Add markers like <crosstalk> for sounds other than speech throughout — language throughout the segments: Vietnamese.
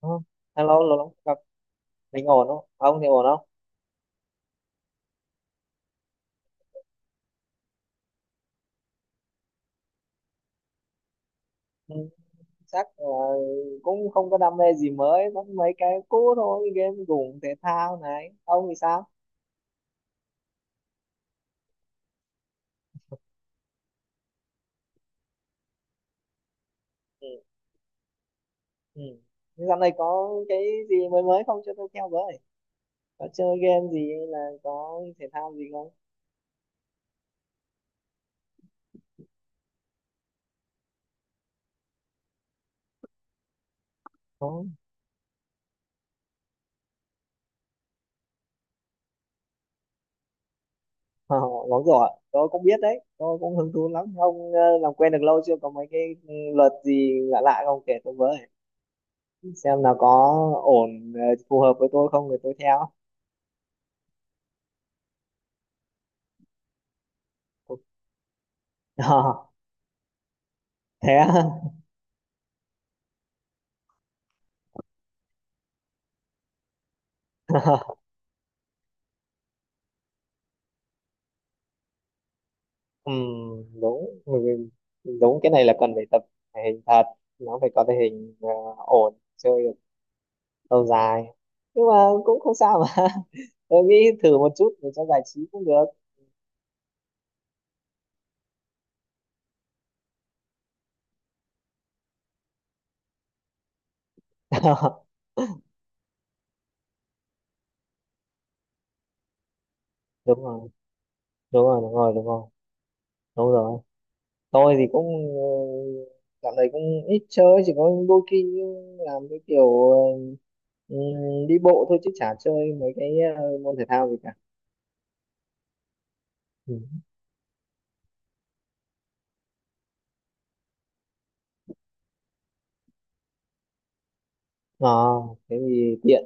Ờ, Hello, lâu lắm không gặp. Mình ổn không? À, ông thì ổn không? Ừ, chắc là cũng không có đam mê gì mới, vẫn mấy cái cũ thôi, game gủng thể thao này. Ông thì sao? Ừ. Ừ. Thế dạo này có cái gì mới mới không cho tôi theo với? Có chơi game gì hay là có thể thao gì không? Có. <laughs> Ờ, bóng rổ, ạ. Tôi cũng biết đấy, tôi cũng hứng thú lắm. Ông làm quen được lâu chưa? Có mấy cái luật gì lạ lạ không kể tôi với? Xem nào có ổn phù hợp với tôi không thì tôi theo. <laughs> Thế á. <laughs> Ừm, đúng người- đúng cái này là cần phải tập thể hình thật, nó phải có thể hình ổn chơi được lâu dài, nhưng mà cũng không sao mà. <laughs> Tôi nghĩ thử một chút để cho giải trí cũng được. <laughs> Đúng rồi, đúng rồi, đúng rồi, đúng rồi, đúng rồi. Tôi thì cũng uh, dạo này cũng ít chơi, chỉ có đôi khi làm cái kiểu đi bộ thôi chứ chả chơi mấy cái môn thể thao gì cả. Ừ. Ờ, Thế thì tiện,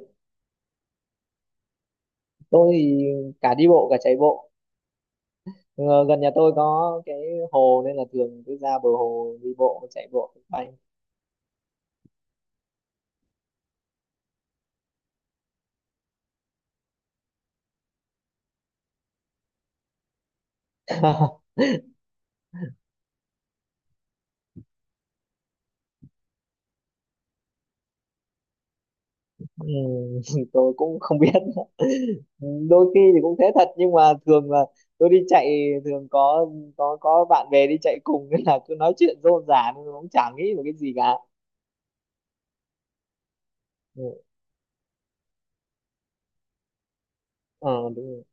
tôi thì cả đi bộ cả chạy bộ. Ờ, Gần nhà tôi có cái hồ nên là thường cứ ra bờ hồ đi bộ chạy bộ bay. <laughs> Ừ. <laughs> Tôi cũng không biết <laughs> nữa. Đôi khi thì cũng thế thật, nhưng mà thường là tôi đi chạy thường có có bạn bè đi chạy cùng nên là cứ nói chuyện rôm rả nên cũng chả nghĩ về cái gì cả. Ừ, ờ, đúng rồi.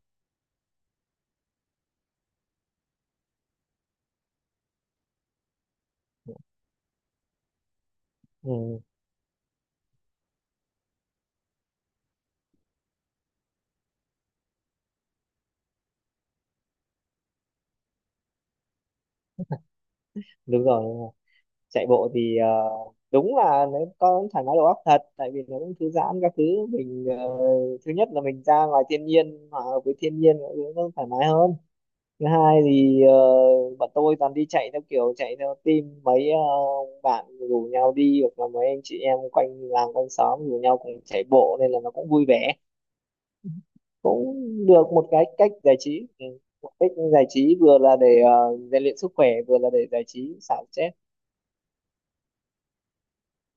Ừ, đúng rồi. Chạy bộ thì đúng là nó có thoải mái đầu óc thật, tại vì nó cũng thư giãn các thứ. Mình thứ nhất là mình ra ngoài thiên nhiên, hòa hợp với thiên nhiên, mọi thứ nó thoải mái hơn. Thứ hai thì bọn tôi toàn đi chạy theo kiểu chạy theo team, mấy bạn rủ nhau đi hoặc là mấy anh chị em quanh làng quanh xóm rủ nhau cùng chạy bộ nên là nó cũng vui vẻ, cũng được một cái cách giải trí. Ừ, một cách giải trí vừa là để rèn luyện sức khỏe, vừa là để giải trí xả stress.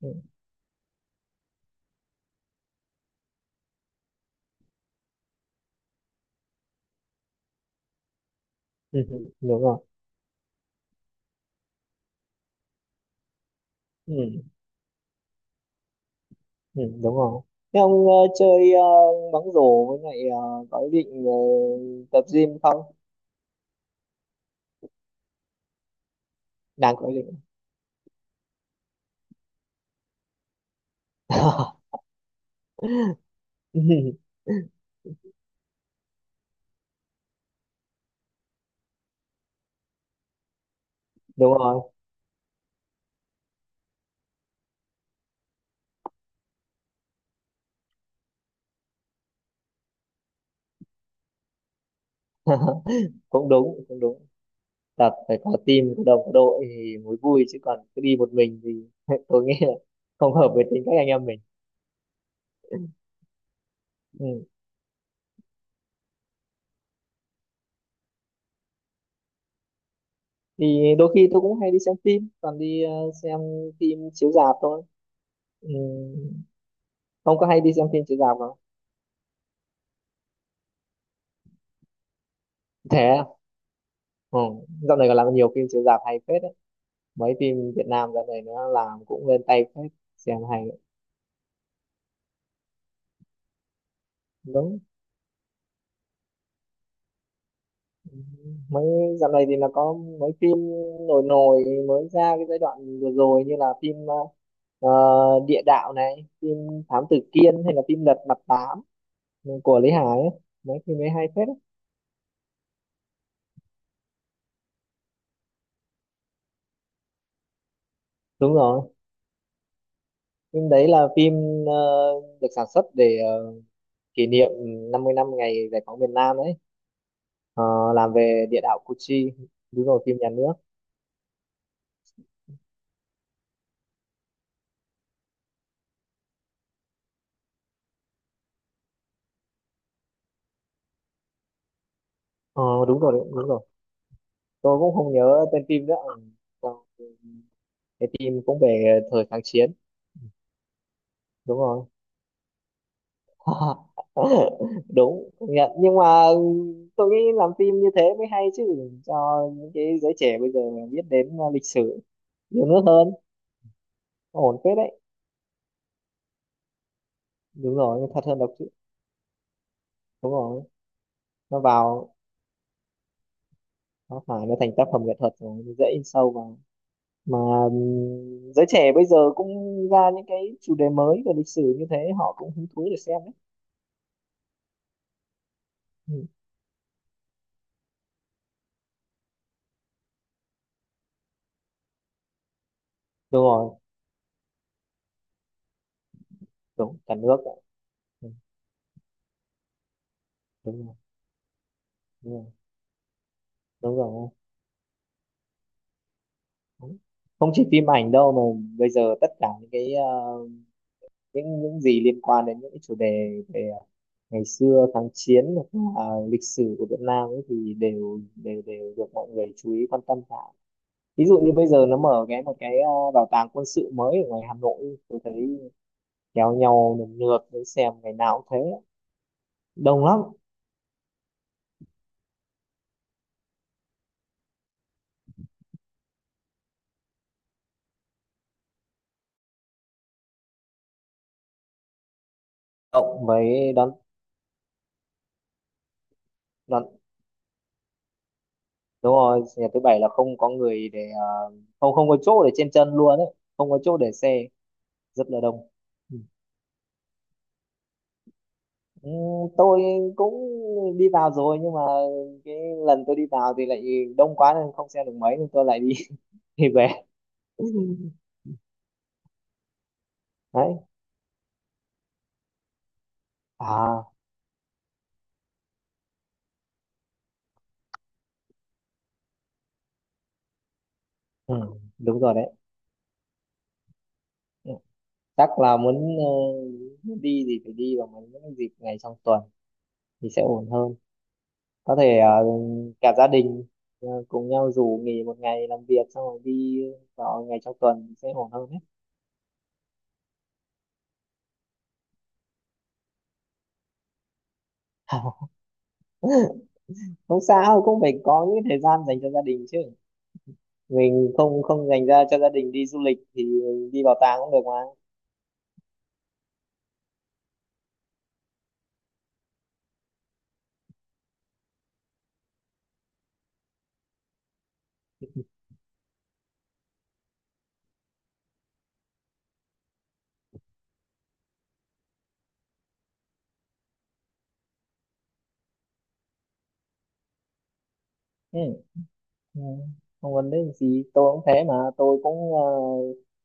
Ừ. <laughs> Đúng rồi. Ừ. Ừ, đúng rồi. Thế ông chơi bóng rổ, với lại có ý định tập gym không? Đang có ý định. <laughs> Đúng rồi. <laughs> Cũng đúng, cũng đúng. Tập phải có team, có đồng, có đội thì mới vui, chứ còn cứ đi một mình thì <laughs> tôi nghĩ là không hợp với tính cách anh em mình. Ừ. Thì đôi khi tôi cũng hay đi xem phim, toàn đi xem phim chiếu rạp thôi. Ừ. Ông có hay đi xem phim chiếu rạp không? Thế à? Ừ. Dạo này còn làm nhiều phim chiếu rạp hay phết, mấy phim Việt Nam dạo này nó làm cũng lên tay phết, xem hay đấy. Đúng, mấy dạo này thì nó có mấy phim nổi nổi mới ra cái giai đoạn vừa rồi, như là phim Địa Đạo này, phim Thám Tử Kiên, hay là phim Lật Mặt Tám của Lý Hải ấy. Mấy phim ấy hay phết ấy. Đúng rồi, phim đấy là phim ờ, được sản xuất để kỷ niệm 50 năm ngày giải phóng miền Nam đấy. Ờ, làm về địa đạo Củ Chi. Đúng rồi, phim nhà nước. Ờ, Đúng rồi, đúng rồi, tôi cũng không nhớ tên phim nữa. Ừ, còn cái phim cũng về thời kháng chiến. Đúng rồi. <laughs> Đúng, công nhận, nhưng mà tôi nghĩ làm phim như thế mới hay chứ, cho những cái giới trẻ bây giờ biết đến lịch sử nhiều nước hơn. Ổn phết đấy. Đúng rồi, thật hơn đọc chữ. Đúng rồi, nó vào, nó phải nó thành tác phẩm nghệ thuật rồi nó dễ in sâu vào, mà giới trẻ bây giờ cũng ra những cái chủ đề mới về lịch sử như thế, họ cũng hứng thú để xem đấy. Ừ. Đúng rồi, đúng cả nước. Ừ, đúng rồi, đúng rồi, đúng rồi. Đúng. Không chỉ phim ảnh đâu mà bây giờ tất cả những cái những gì liên quan đến những cái chủ đề về ngày xưa kháng chiến hoặc là lịch sử của Việt Nam ấy thì đều đều đều được mọi người chú ý quan tâm cả. Ví dụ như bây giờ nó mở một cái bảo tàng quân sự mới ở ngoài Hà Nội, tôi thấy kéo nhau nườm nượp để xem, ngày nào cũng thế, đông lắm. Cộng với đón, đúng rồi, nhà thứ bảy là không có người để không không có chỗ để trên chân luôn ấy, không có chỗ để xe, rất là đông. Ừ. Ừ, tôi cũng đi vào rồi, nhưng mà cái lần tôi đi vào thì lại đông quá nên không xem được mấy nên tôi lại đi <laughs> đi về. Đấy à. Ừ, đúng rồi đấy. Ừ, chắc là muốn đi thì phải đi vào mấy những dịp ngày trong tuần thì sẽ ổn hơn. Có thể cả gia đình cùng nhau rủ nghỉ một ngày làm việc xong rồi đi vào ngày trong tuần sẽ ổn hơn đấy. <laughs> Không sao, cũng phải có những thời gian dành cho gia đình chứ, mình không không dành ra cho gia đình đi du lịch thì mình đi bảo tàng cũng được mà. Ừ. Ừ, không vấn đề gì, tôi cũng thế mà, tôi cũng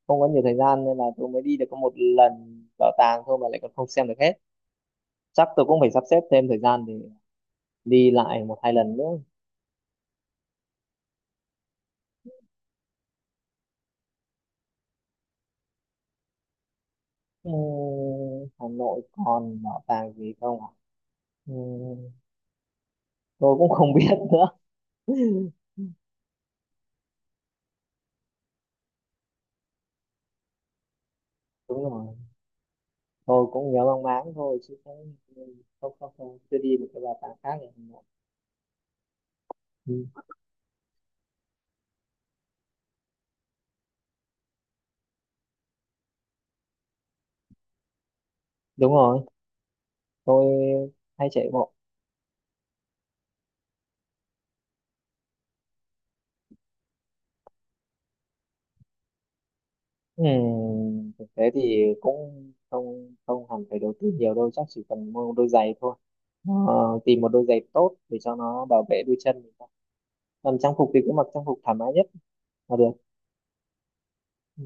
không có nhiều thời gian nên là tôi mới đi được có một lần bảo tàng thôi mà lại còn không xem được hết. Chắc tôi cũng phải sắp xếp thêm thời gian để đi lại một hai lần nữa. Ừ, Hà Nội còn bảo tàng gì không ạ? Ừ, tôi cũng không biết nữa. <laughs> Đúng rồi, tôi cũng nhớ mang máng thôi chứ cũng không không không chưa đi một cái bảo tàng khác ở Hà Nội. Ừ. Đúng rồi, tôi hay chạy bộ. Ừ, thực tế thì cũng không không hẳn phải đầu tư nhiều đâu, chắc chỉ cần mua một đôi giày thôi. Ờ, tìm một đôi giày tốt để cho nó bảo vệ đôi chân mình thôi. Còn trang phục thì cứ mặc trang phục thoải mái nhất là được. Ừ,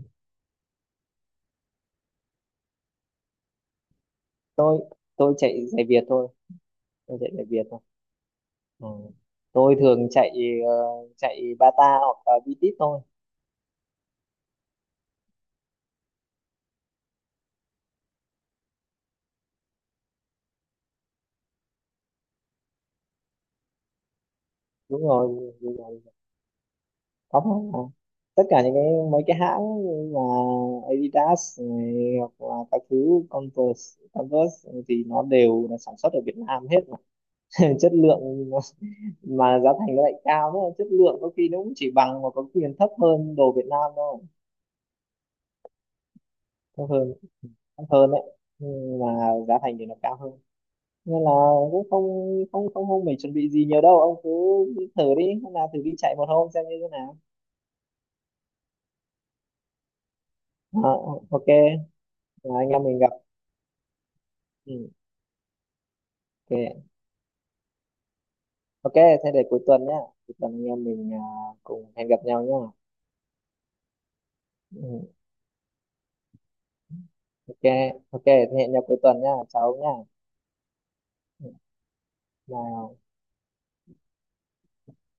Tôi tôi chạy giày Việt thôi. Tôi chạy chạy Việt thôi. Ừ, tôi thường chạy ờ, chạy Bata hoặc là Vitis thôi. Đúng rồi, đúng rồi. Có mà, tất cả những cái mấy cái hãng như là Adidas này, hoặc là các thứ Converse Converse thì nó đều là sản xuất ở Việt Nam hết mà. <laughs> Chất lượng nó- mà giá thành nó lại cao nữa, chất lượng có khi nó cũng chỉ bằng mà có khi còn thấp hơn đồ Việt Nam thôi. Thấp hơn, thấp hơn đấy, nhưng mà giá thành thì nó cao hơn nên là cũng không không không không phải chuẩn bị gì nhiều đâu, ông cứ thử đi, hôm nào thử đi chạy một hôm xem như thế nào. Ờ, ok, là anh em mình gặp. Ừ, ok. Ok, thế để cuối tuần nhá. Cuối tuần anh em mình cùng hẹn gặp nhau nhá. Ừ, ok. Ok, thế hẹn nhau cuối tuần nhá, chào ông nhá. Ừ, bye.